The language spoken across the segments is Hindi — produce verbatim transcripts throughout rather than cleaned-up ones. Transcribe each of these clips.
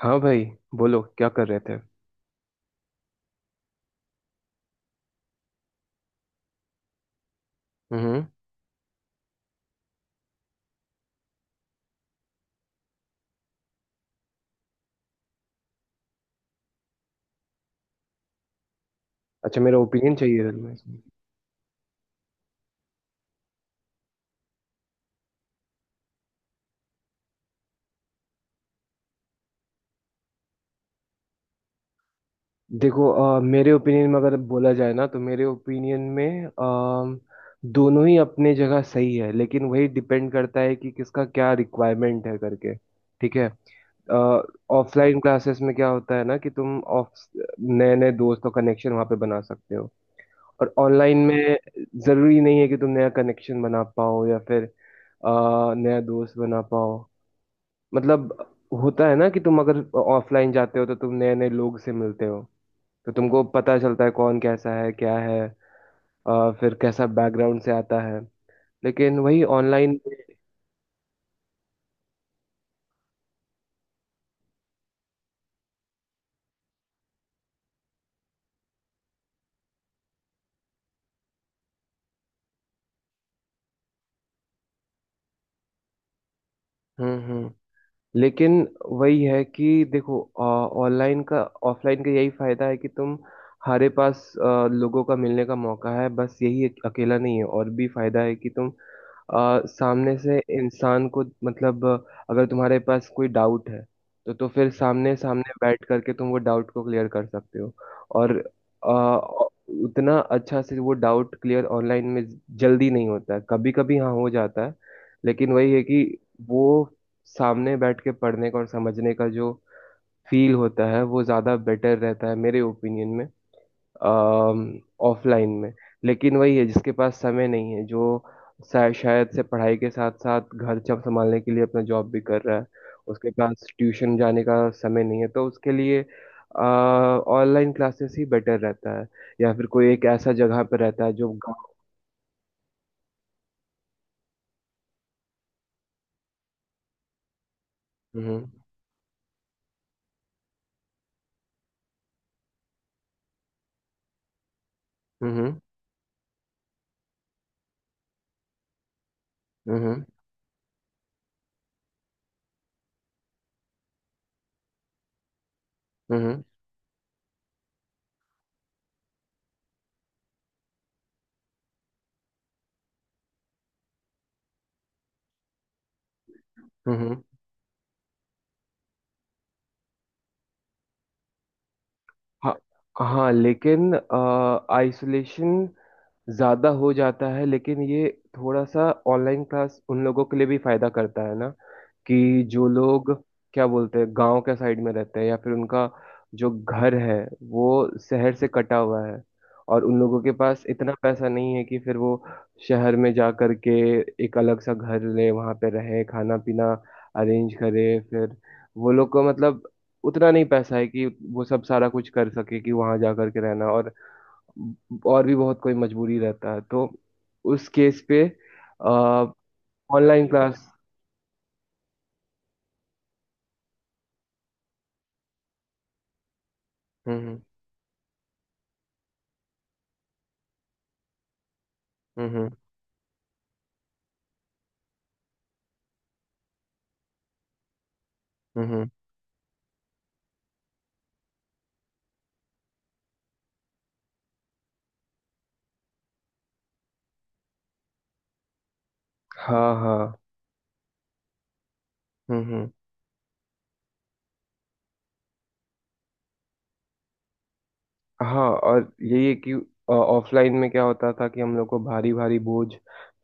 हाँ भाई, बोलो क्या कर रहे थे। हम्म। अच्छा, मेरा ओपिनियन चाहिए था तुम्हें इसमें। देखो, अ, मेरे ओपिनियन में अगर बोला जाए ना, तो मेरे ओपिनियन में अम, दोनों ही अपने जगह सही है, लेकिन वही डिपेंड करता है कि किसका क्या रिक्वायरमेंट है करके। ठीक है। ऑफलाइन क्लासेस में क्या होता है ना कि तुम ऑफ नए नए दोस्त और कनेक्शन वहाँ पे बना सकते हो। और ऑनलाइन में जरूरी नहीं है कि तुम नया कनेक्शन बना पाओ या फिर अ, नया दोस्त बना पाओ। मतलब होता है ना कि तुम अगर ऑफलाइन जाते हो तो तुम नए नए लोग से मिलते हो, तो तुमको पता चलता है कौन कैसा है क्या है, अ, फिर कैसा बैकग्राउंड से आता है। लेकिन वही ऑनलाइन। हम्म, हम्म। लेकिन वही है कि देखो, ऑनलाइन का ऑफलाइन का यही फायदा है कि तुम, हमारे पास अ, लोगों का मिलने का मौका है, बस यही एक- अकेला नहीं है, और भी फायदा है कि तुम अ, सामने से इंसान को, मतलब अ, अगर तुम्हारे पास कोई डाउट है तो तो फिर सामने सामने बैठ करके तुम वो डाउट को क्लियर कर सकते हो। और अ, उतना अच्छा से वो डाउट क्लियर ऑनलाइन में जल्दी नहीं होता है, कभी कभी हाँ हो जाता है, लेकिन वही है कि वो सामने बैठ के पढ़ने का और समझने का जो फील होता है वो ज़्यादा बेटर रहता है मेरे ओपिनियन में, ऑफलाइन में। लेकिन वही है, जिसके पास समय नहीं है, जो शा- शायद से पढ़ाई के साथ साथ घर जब संभालने के लिए अपना जॉब भी कर रहा है, उसके पास ट्यूशन जाने का समय नहीं है, तो उसके लिए ऑनलाइन क्लासेस ही बेटर रहता है। या फिर कोई एक ऐसा जगह पर रहता है जो गाँव। हम्म, हम्म, हम्म, हम्म, हम्म। हाँ, हाँ, लेकिन आइसोलेशन ज़्यादा हो जाता है, लेकिन ये थोड़ा सा ऑनलाइन क्लास उन लोगों के लिए भी फ़ायदा करता है ना, कि जो लोग, क्या बोलते हैं, गांव के साइड में रहते हैं या फिर उनका जो घर है वो शहर से कटा हुआ है, और उन लोगों के पास इतना पैसा नहीं है कि फिर वो शहर में जा करके एक अलग सा घर ले, वहां पे रहे, खाना पीना अरेंज करे, फिर वो लोग को मतलब उतना नहीं पैसा है कि वो सब सारा कुछ कर सके कि वहां जा करके रहना, और और भी बहुत कोई मजबूरी रहता है, तो उस केस पे ऑनलाइन क्लास। हम्म, हम्म, हम्म, हम्म, हम्म। हाँ, हाँ। हम्म, हम्म। हाँ, और यही है कि ऑफलाइन में क्या होता था कि हम लोग को भारी भारी बोझ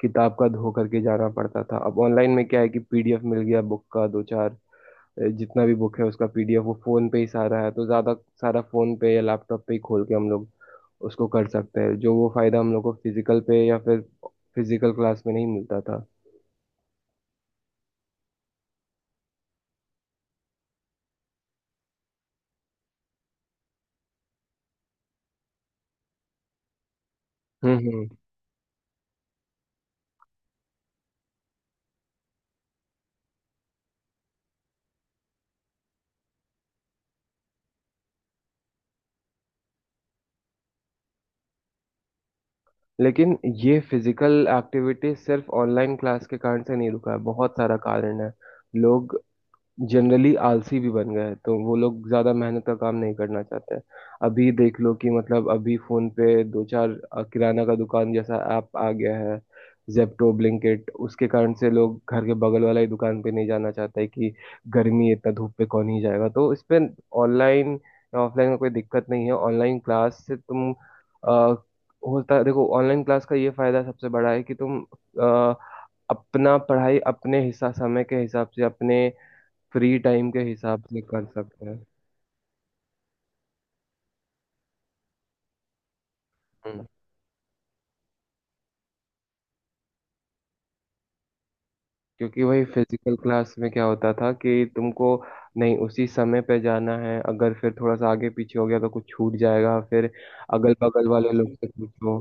किताब का धो करके जाना पड़ता था, अब ऑनलाइन में क्या है कि पी डी एफ मिल गया बुक का, दो चार अ, जितना भी बुक है उसका पी डी एफ वो फोन पे ही सारा है, तो ज्यादा सारा फोन पे या लैपटॉप पे ही खोल के हम लोग उसको कर सकते हैं, जो वो फायदा हम लोग को फिजिकल पे या फिर फिजिकल क्लास में नहीं मिलता था। हम्म, हम्म। लेकिन ये फिजिकल एक्टिविटी सिर्फ ऑनलाइन क्लास के कारण से नहीं रुका है, बहुत सारा कारण है। लोग जनरली आलसी भी बन गए हैं, तो वो लोग ज्यादा मेहनत का काम नहीं करना चाहते हैं। अभी देख लो कि मतलब अभी फोन पे दो चार अ, किराना का दुकान जैसा ऐप आ गया है, जेप्टो, ब्लिंकिट, उसके कारण से लोग घर के बगल वाला ही दुकान पे नहीं जाना चाहते हैं कि गर्मी है, इतना धूप पे कौन ही जाएगा। तो इस पे ऑनलाइन या ऑफलाइन का कोई दिक्कत नहीं है। ऑनलाइन क्लास से तुम आ, होता, देखो, ऑनलाइन क्लास का ये फायदा सबसे बड़ा है कि तुम अ, अपना पढ़ाई अपने हिसाब, समय के हिसाब से, अपने फ्री टाइम के हिसाब से कर सकते हैं। हम्म, क्योंकि वही फिजिकल क्लास में क्या होता था कि तुमको नहीं उसी समय पे जाना है, अगर फिर थोड़ा सा आगे पीछे हो गया तो कुछ छूट जाएगा, फिर अगल बगल वाले लोग से पूछो।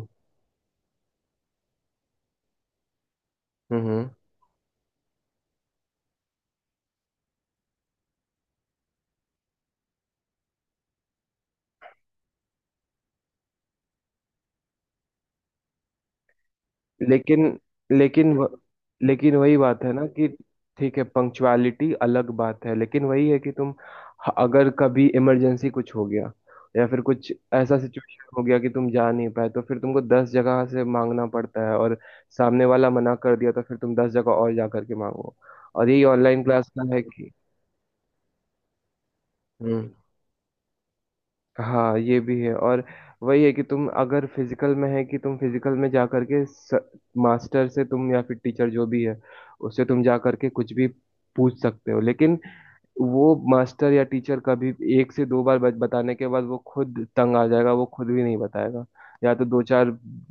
हम्म। लेकिन लेकिन व, लेकिन वही बात है ना कि ठीक है, पंक्चुअलिटी अलग बात है, लेकिन वही है कि तुम ह- अगर कभी इमरजेंसी कुछ हो गया या फिर कुछ ऐसा सिचुएशन हो गया कि तुम जा नहीं पाए, तो फिर तुमको दस जगह से मांगना पड़ता है, और सामने वाला मना कर दिया तो फिर तुम दस जगह और जा करके मांगो। और यही ऑनलाइन क्लास का है कि, हम्म। हाँ, ये भी है। और वही है कि तुम अगर फिजिकल में है कि तुम फिजिकल में जा करके स, मास्टर से तुम या फिर टीचर, जो भी है, उससे तुम जा करके कुछ भी पूछ सकते हो, लेकिन वो मास्टर या टीचर कभी एक से दो बार बत- बताने के बाद वो खुद तंग आ जाएगा, वो खुद भी नहीं बताएगा, या तो दो चार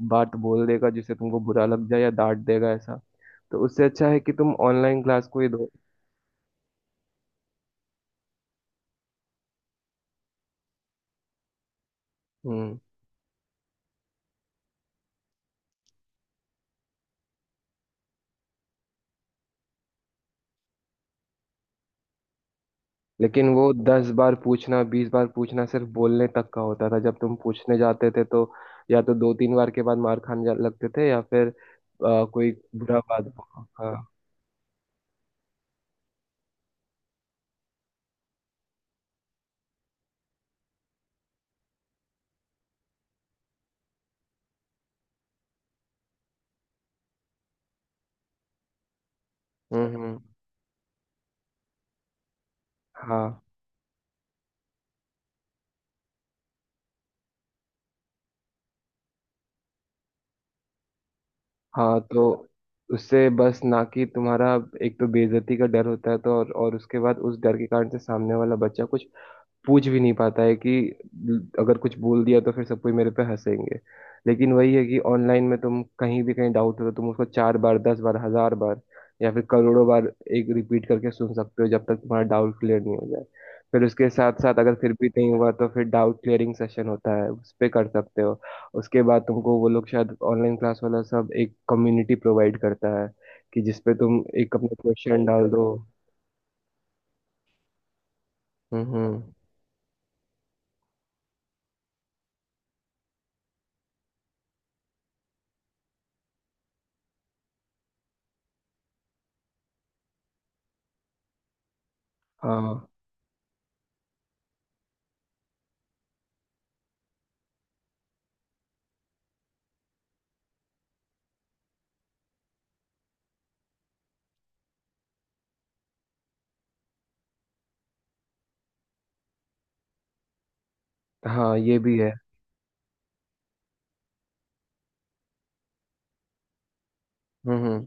बात बोल देगा जिससे तुमको बुरा लग जाए, या डांट देगा ऐसा। तो उससे अच्छा है कि तुम ऑनलाइन क्लास को ही दो। हम्म। लेकिन वो दस बार पूछना, बीस बार पूछना सिर्फ बोलने तक का होता था, जब तुम पूछने जाते थे तो या तो दो तीन बार के बाद मार खाने जा- लगते थे, या फिर आ, कोई बुरा बात। हाँ। हम्म, हम्म, हाँ, हाँ, तो उससे बस ना कि तुम्हारा एक तो बेइज्जती का डर होता है, तो और, और उसके बाद उस डर के कारण से सामने वाला बच्चा कुछ पूछ भी नहीं पाता है कि अगर कुछ बोल दिया तो फिर सब कोई मेरे पे हंसेंगे। लेकिन वही है कि ऑनलाइन में तुम कहीं भी कहीं डाउट हो तो तुम उसको चार बार, दस बार, हजार बार, या फिर करोड़ों बार एक रिपीट करके सुन सकते हो जब तक तुम्हारा डाउट क्लियर नहीं हो जाए। फिर उसके साथ साथ अगर फिर भी नहीं हुआ तो फिर डाउट क्लियरिंग सेशन होता है, उस पे कर सकते हो। उसके बाद तुमको वो लोग, शायद ऑनलाइन क्लास वाला सब एक कम्युनिटी प्रोवाइड करता है कि जिसपे तुम एक अपना क्वेश्चन डाल दो। हम्म, हम्म। हाँ, हाँ, ये भी है। हम्म।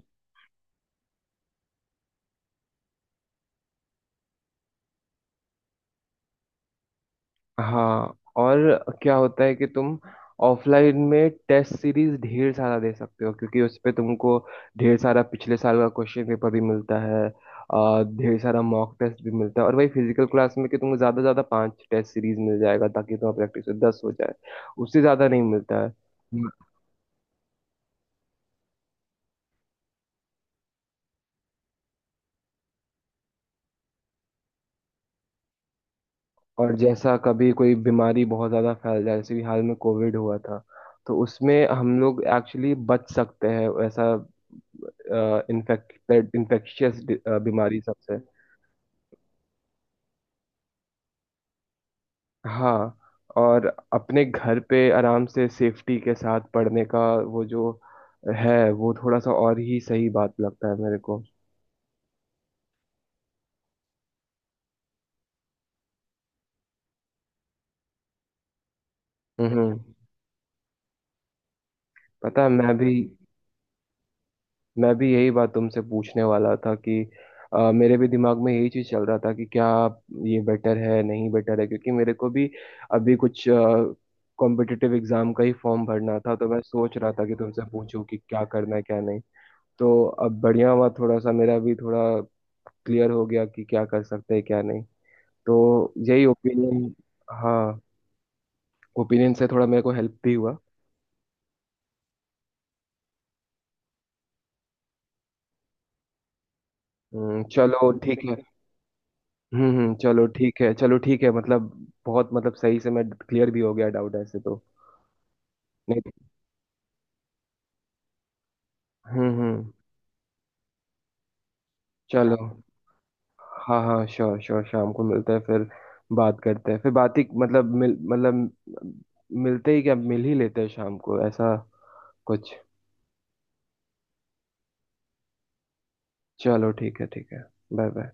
हाँ, और क्या होता है कि तुम ऑफलाइन में टेस्ट सीरीज ढेर सारा दे सकते हो, क्योंकि उस पे तुमको ढेर सारा पिछले साल का क्वेश्चन पेपर भी मिलता है, आ, ढेर सारा मॉक टेस्ट भी मिलता है। और वही फिजिकल क्लास में कि तुमको ज़्यादा से ज़्यादा पांच टेस्ट सीरीज मिल जाएगा, ताकि तुम्हारा प्रैक्टिस दस हो जाए, उससे ज़्यादा नहीं मिलता है। और जैसा कभी कोई बीमारी बहुत ज़्यादा फैल जाए, जैसे कि हाल में कोविड हुआ था, तो उसमें हम लोग एक्चुअली बच सकते हैं, ऐसा इन्फेक्ट इन्फेक्शियस बीमारी सबसे। हाँ, और अपने घर पे आराम से सेफ्टी के साथ पढ़ने का वो जो है वो थोड़ा सा और ही सही बात लगता है मेरे को। हम्म। पता है, मैं भी मैं भी यही बात तुमसे पूछने वाला था कि अ, मेरे भी दिमाग में यही चीज चल रहा था कि क्या ये बेटर है नहीं बेटर है, क्योंकि मेरे को भी अभी कुछ कॉम्पिटिटिव एग्जाम का ही फॉर्म भरना था, तो मैं सोच रहा था कि तुमसे पूछूं कि क्या करना है क्या नहीं। तो अब बढ़िया हुआ, थोड़ा सा मेरा भी थोड़ा क्लियर हो गया कि क्या कर सकते हैं क्या नहीं, तो यही ओपिनियन। हाँ। ओपिनियन से थोड़ा मेरे को हेल्प भी हुआ। हम्म, चलो ठीक है। हम्म हम्म, चलो ठीक है, चलो ठीक है, मतलब बहुत, मतलब सही से मैं क्लियर भी हो गया डाउट ऐसे, तो नहीं तो। हम्म, हम्म। चलो। हाँ, हाँ, श्योर, श्योर, शाम को मिलते हैं, फिर बात करते हैं, फिर बात ही मतलब, मिल मतलब, मिलते ही क्या, मिल ही लेते हैं शाम को ऐसा कुछ। चलो ठीक है, ठीक है। Bye bye.